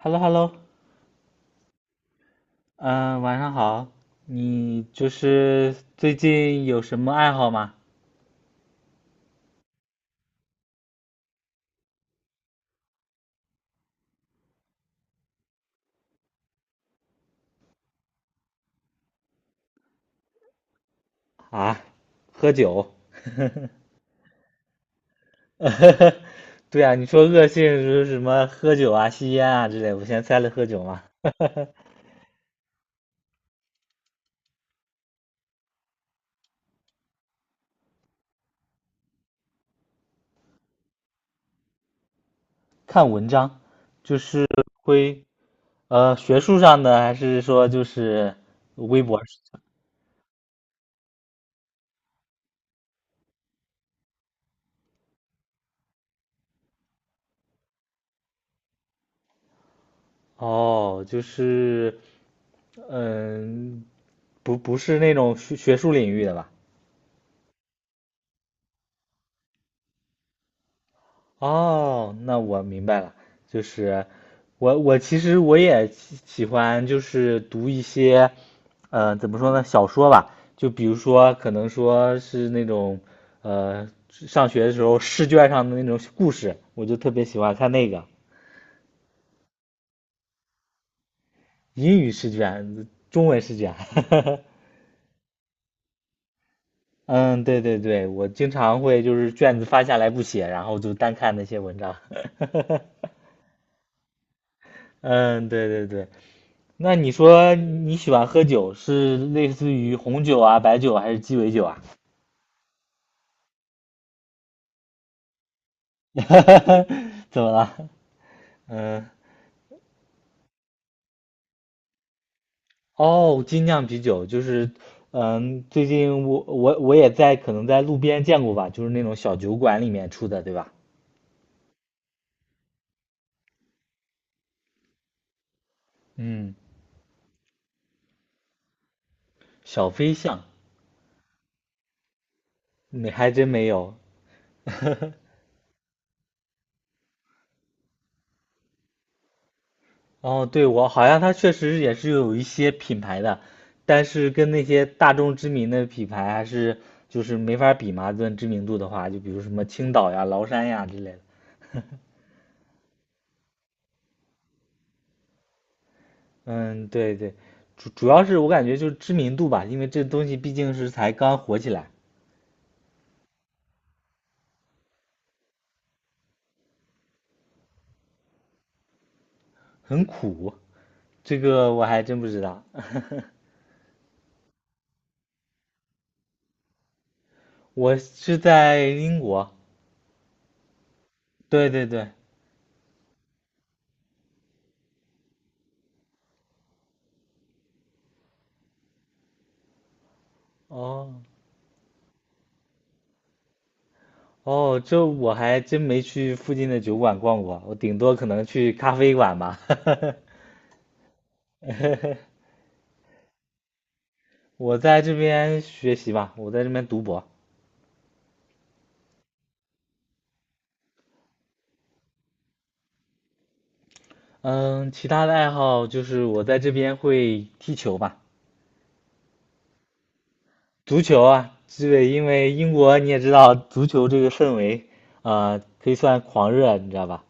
h e l l o h e l l o 嗯，晚上好。你最近有什么爱好吗？啊，喝酒，对啊，你说恶性是什么喝酒啊、吸烟啊之类，我先猜了喝酒嘛。看文章，就是会学术上的，还是说微博？哦，就是嗯，不是那种学术领域的吧？哦，那我明白了，就是我其实我也喜欢就是读一些，呃，怎么说呢，小说吧，就比如说可能说是那种，呃，上学的时候试卷上的那种故事，我就特别喜欢看那个英语试卷、中文试卷，嗯，对对对，我经常会就是卷子发下来不写，然后就单看那些文章，嗯，对对对，那你说你喜欢喝酒，是类似于红酒啊、白酒啊还是鸡尾酒啊？怎么了？嗯，哦，精酿啤酒就是，嗯，最近我也在可能在路边见过吧，就是那种小酒馆里面出的，对吧？嗯，小飞象，你还真没有。哦，对，我好像它确实也是有一些品牌的，但是跟那些大众知名的品牌还是没法比嘛，论知名度的话，就比如什么青岛呀、崂山呀之类的。嗯，对对，主要是我感觉就是知名度吧，因为这东西毕竟是才刚火起来，很苦，这个我还真不知道。我是在英国，对对对，哦。哦，这我还真没去附近的酒馆逛过，我顶多可能去咖啡馆吧。我在这边学习吧，我在这边读博。嗯，其他的爱好就是我在这边会踢球吧，足球啊，对，因为英国你也知道，足球这个氛围，呃，可以算狂热，你知道吧？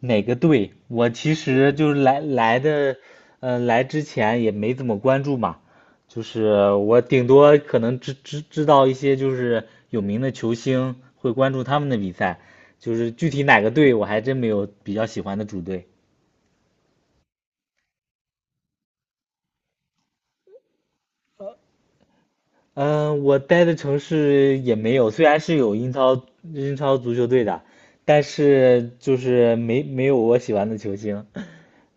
哪个队？我其实来的，呃，来之前也没怎么关注嘛，就是我顶多可能知道一些就是有名的球星，会关注他们的比赛，具体哪个队我还真没有比较喜欢的主队。我待的城市也没有，虽然是有英超足球队的，但是就是没有我喜欢的球星。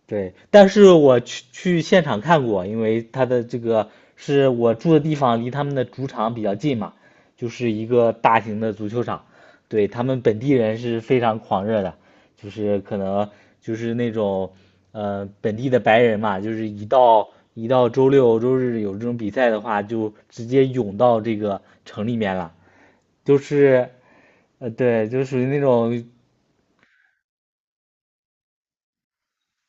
对，但是我去现场看过，因为他的这个是我住的地方离他们的主场比较近嘛，就是一个大型的足球场，对，他们本地人是非常狂热的，就是可能那种本地的白人嘛，就是一到周六周日有这种比赛的话，就直接涌到这个城里面了。就是呃，对，就属于那种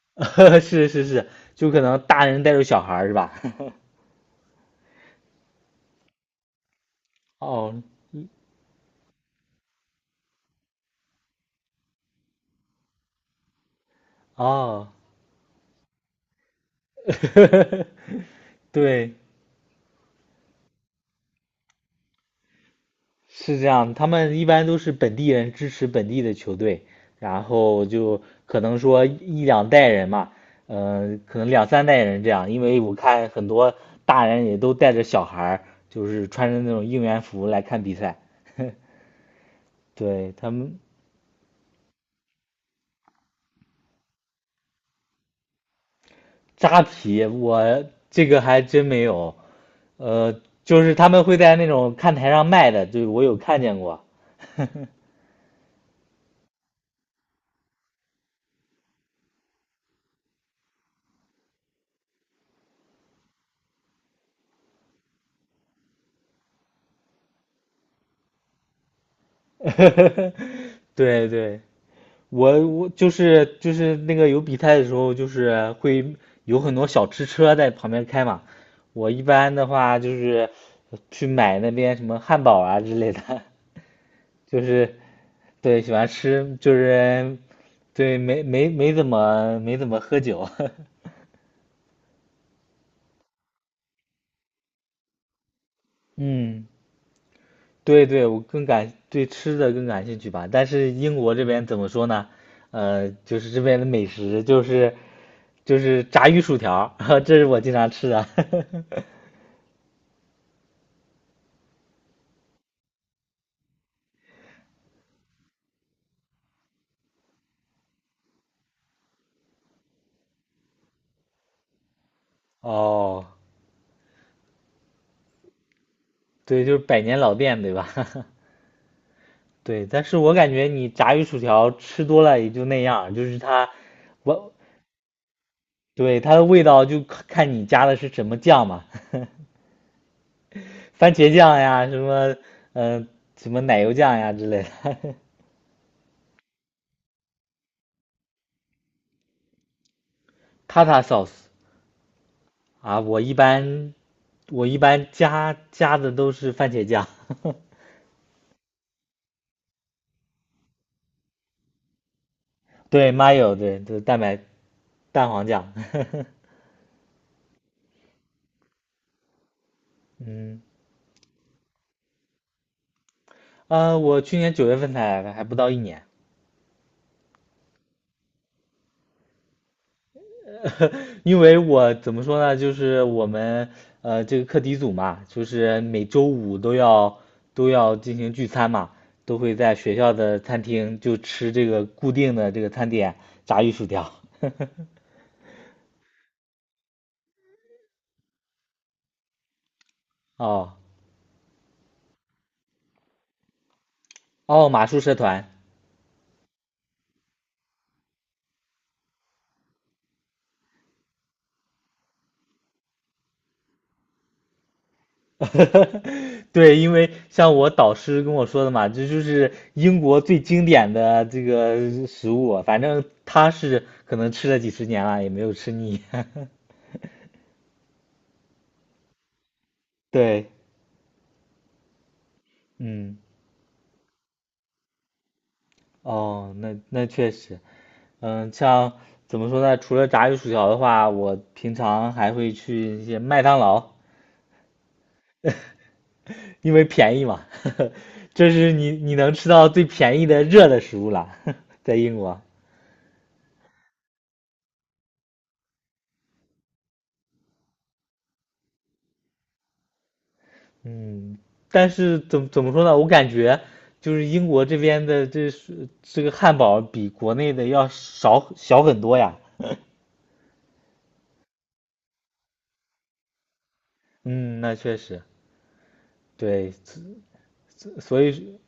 是是是，就可能大人带着小孩儿是吧？哦哦，对，是这样。他们一般都是本地人支持本地的球队，然后就可能说一两代人嘛，可能两三代人这样。因为我看很多大人也都带着小孩儿，就是穿着那种应援服来看比赛。对，他们扎啤，我这个还真没有。呃，就是他们会在那种看台上卖的，对，我有看见过。对对，我我就是那个有比赛的时候，就是会有很多小吃车在旁边开嘛。我一般的话去买那边什么汉堡啊之类的，就是对喜欢吃，就是对没怎么喝酒。嗯对对，我更感对吃的更感兴趣吧。但是英国这边怎么说呢？呃，就是这边的美食就是炸鱼薯条儿 这是我经常吃的。哦，对，就是百年老店，对吧？对，但是我感觉你炸鱼薯条吃多了也就那样儿就是它，我，对，它的味道就看看你加的是什么酱嘛，番茄酱呀，什么，嗯、什么奶油酱呀之类的 ，tata sauce，啊，我一般加的都是番茄酱，对，mayo，对，就是蛋黄酱。嗯，呃，我去年九月份才来的，还不到一年，因为我怎么说呢，就是我们这个课题组嘛，就是每周五都要进行聚餐嘛，都会在学校的餐厅就吃这个固定的这个餐点，炸鱼薯条。哦哦，马术社团，对，因为像我导师跟我说的嘛，这就是英国最经典的这个食物，反正他是可能吃了几十年了，也没有吃腻。对，嗯，哦，那那确实，嗯，像怎么说呢？除了炸鱼薯条的话，我平常还会去一些麦当劳，因为便宜嘛，这是你能吃到最便宜的热的食物了，在英国。嗯，但是怎么说呢？我感觉就是英国这边的这个汉堡比国内的要小很多呀。嗯，那确实，对，所以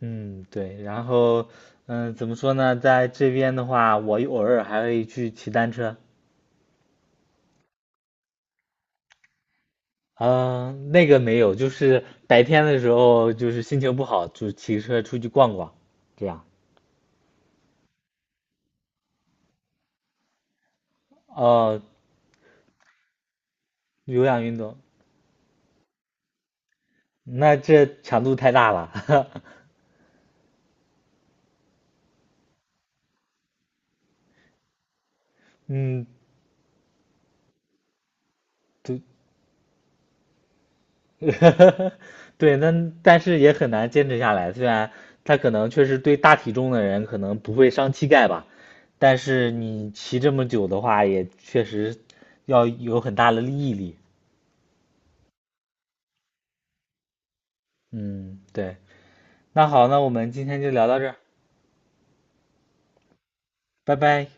嗯对，然后嗯怎么说呢？在这边的话，我偶尔还会去骑单车。嗯，那个没有，就是白天的时候，就是心情不好，就骑车出去逛逛，这样。哦，有氧运动，那这强度太大了。嗯，对，对，那但是也很难坚持下来。虽然他可能确实对大体重的人可能不会伤膝盖吧，但是你骑这么久的话，也确实要有很大的毅力。嗯，对。那好，那我们今天就聊到这儿，拜拜。